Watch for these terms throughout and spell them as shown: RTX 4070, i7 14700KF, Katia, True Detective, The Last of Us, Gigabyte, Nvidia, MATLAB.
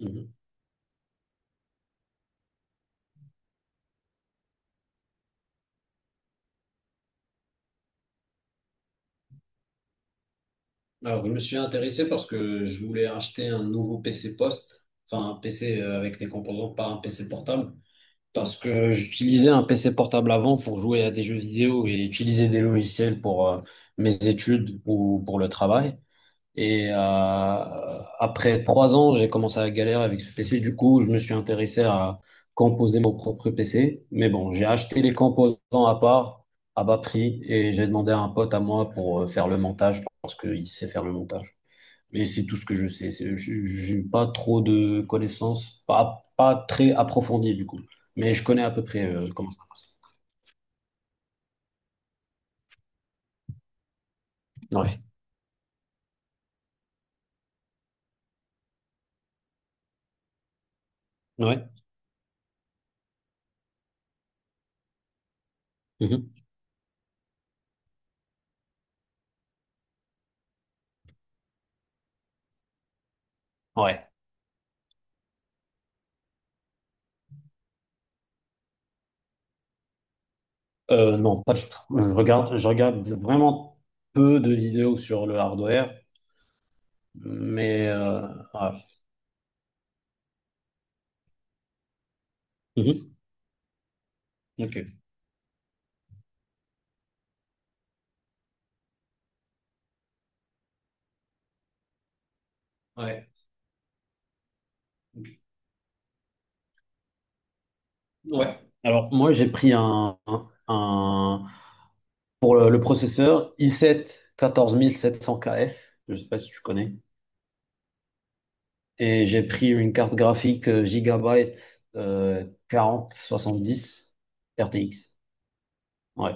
Mhm. Alors, je me suis intéressé parce que je voulais acheter un nouveau PC post, enfin un PC avec des composants, pas un PC portable, parce que j'utilisais un PC portable avant pour jouer à des jeux vidéo et utiliser des logiciels pour mes études ou pour le travail. Et après 3 ans, j'ai commencé à galérer avec ce PC. Du coup, je me suis intéressé à composer mon propre PC. Mais bon, j'ai acheté les composants à part, à bas prix, et j'ai demandé à un pote à moi pour faire le montage, parce qu'il sait faire le montage. Mais c'est tout ce que je sais. J'ai pas trop de connaissances, pas très approfondies du coup. Mais je connais à peu près comment ça passe. Ouais. Ouais. Mhm. Ouais. Non, pas du tout. Je regarde vraiment peu de vidéos sur le hardware, mais ah. Mhm. Ok. Ouais. Ok. Ouais. Alors moi j'ai pris pour le processeur i7 14700KF, je sais pas si tu connais, et j'ai pris une carte graphique Gigabyte 4070 RTX. Ouais.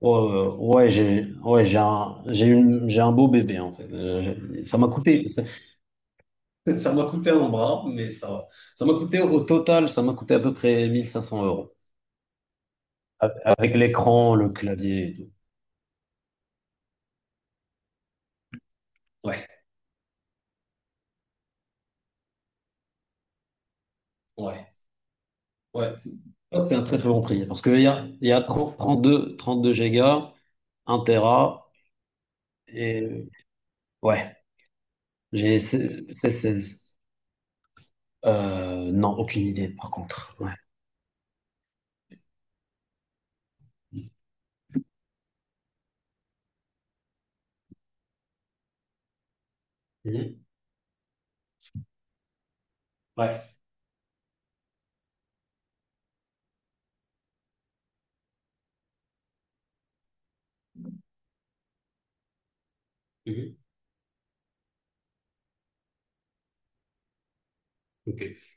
Ouais, ouais, ouais, j'ai ouais, j'ai un beau bébé en fait. Ça m'a coûté. Ça m'a coûté un bras, mais ça va. Ça m'a coûté au total, ça m'a coûté à peu près 1500 euros. Avec l'écran, le clavier et tout. Ouais, ouais, ouais. C'est un très très bon prix. Parce qu'il y a trente-deux gigas, un Tera, et ouais, j'ai seize. Non, aucune idée par contre. Ouais. Mhm. Ouais. Mhm. Ok.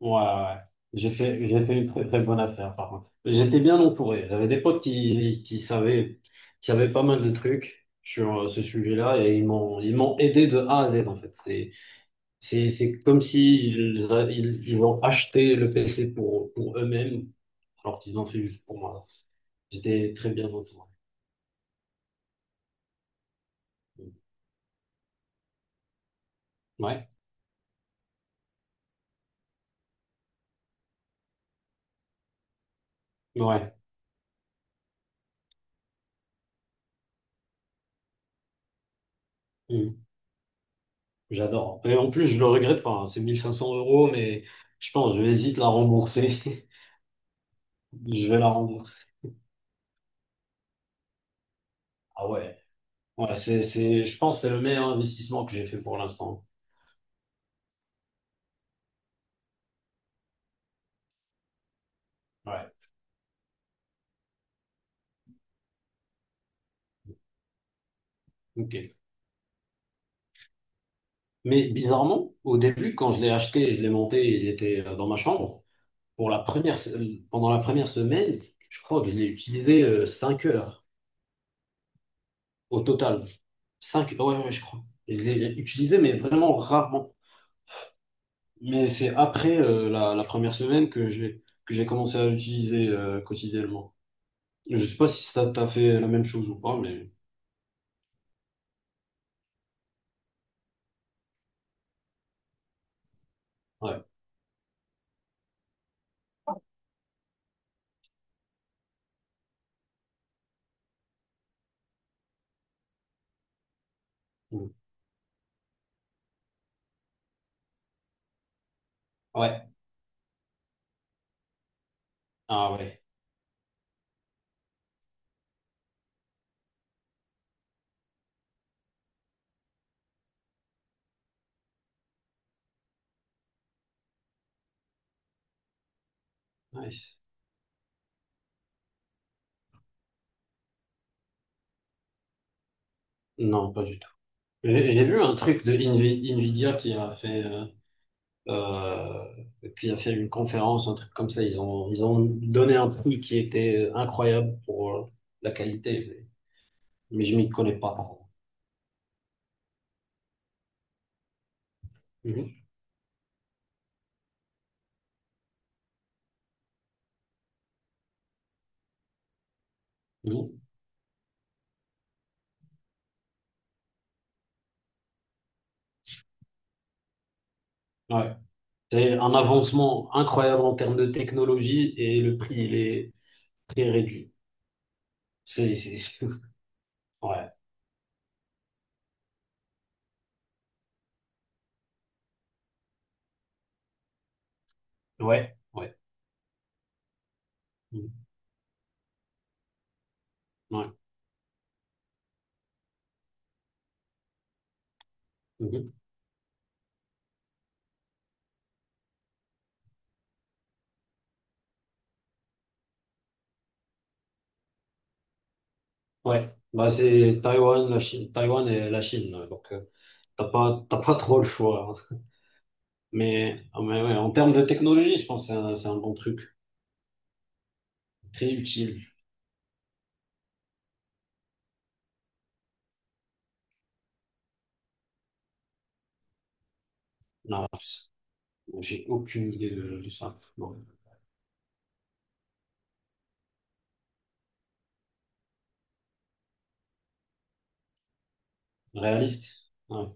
Ouais, ouais, ouais. J'ai fait une très, très bonne affaire, par contre. J'étais bien entouré. J'avais des potes qui savaient pas mal de trucs sur ce sujet-là et ils m'ont aidé de A à Z, en fait. C'est comme s'ils ils, a- ils, ils ont acheté le PC pour, eux-mêmes, alors qu'ils l'ont fait juste pour moi. J'étais très bien entouré. Ouais, ouais. Mm. J'adore. Et en plus, je le regrette pas, hein. C'est 1500 euros, mais je pense, je vais vite la rembourser. Je vais la rembourser. Ah, ouais. Ouais, je pense que c'est le meilleur investissement que j'ai fait pour l'instant. Ouais. Ok. Mais bizarrement, au début, quand je l'ai acheté et je l'ai monté, il était dans ma chambre. Pour la première, se- pendant la première semaine, je crois que je l'ai utilisé 5 heures au total. Cinq, ouais, ouais, je crois. Je l'ai utilisé, mais vraiment rarement. Mais c'est après la première semaine que j'ai commencé à l'utiliser quotidiennement. Je sais pas si ça t'a fait la même chose ou pas, mais ouais. Mm. Ouais. Ah, ouais. Nice. Non, pas du tout. J'ai vu un truc de Nvidia euh, qui a fait une conférence, un truc comme ça. Ils ont donné un prix qui était incroyable pour la qualité, mais je m'y connais pas. Mhm. Mhm. Ouais. C'est un avancement incroyable en termes de technologie et le prix, il est très réduit. C'est, c'est- Ouais, ouais, ouais. Mhm. Ouais. Mhm. Ouais. Bah, c'est Taïwan, la Chine, Taïwan et la Chine. Donc, t'as pas trop le choix, hein. Mais, ah, ouais, en termes de technologie, je pense que c'est un, bon truc, très utile. Non, j'ai aucune idée de ça. Bon, réaliste. Ouais.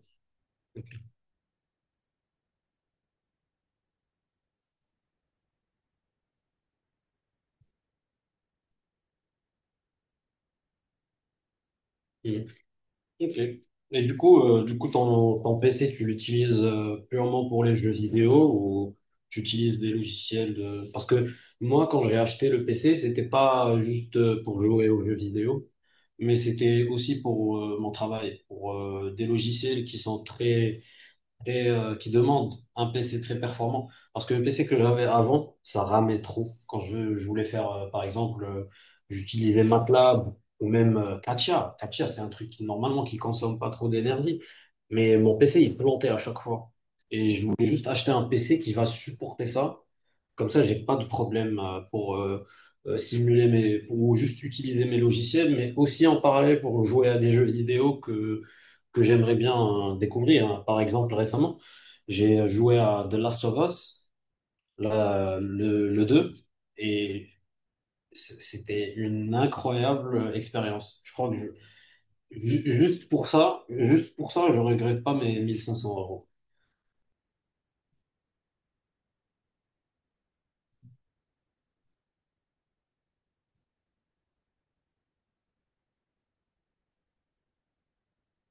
Mhm. Ok. Et du coup, ton PC, tu l'utilises purement pour les jeux vidéo ou tu utilises des logiciels de… Parce que moi, quand j'ai acheté le PC, c'était pas juste pour jouer aux jeux vidéo, mais c'était aussi pour mon travail, pour des logiciels qui demande un PC très performant. Parce que le PC que j'avais avant, ça ramait trop. Quand je voulais faire, par exemple, j'utilisais MATLAB ou même Katia. Katia, c'est un truc qui, normalement, qui consomme pas trop d'énergie. Mais mon PC, il plantait à chaque fois. Et je voulais juste acheter un PC qui va supporter ça. Comme ça, j'ai pas de problème pour pour juste utiliser mes logiciels, mais aussi en parallèle pour jouer à des jeux vidéo que j'aimerais bien découvrir, hein. Par exemple, récemment, j'ai joué à The Last of Us, le 2, et c'était une incroyable expérience. Je crois que juste pour ça, je regrette pas mes 1500 euros.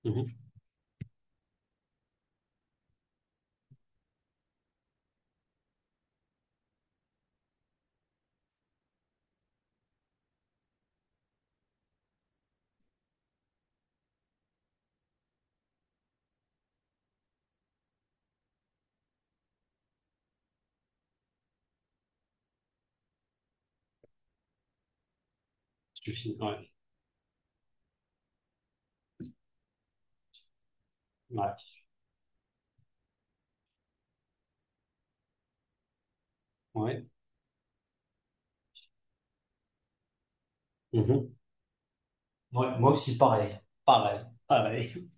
Mhm. Suffit. Ouais. Ouais. Ouais. Mhm. Ouais, moi aussi, pareil. Pareil. Pareil.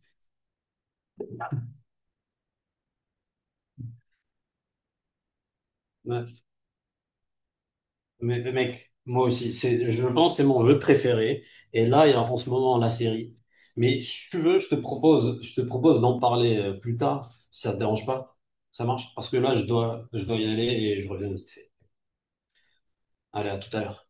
Ouais. Mais mec, moi aussi, je pense que c'est mon jeu préféré. Et là, il y a en ce moment la série. Mais si tu veux, je te propose d'en parler plus tard, si ça te dérange pas. Ça marche? Parce que là, je dois y aller et je reviens vite fait. Allez, à tout à l'heure.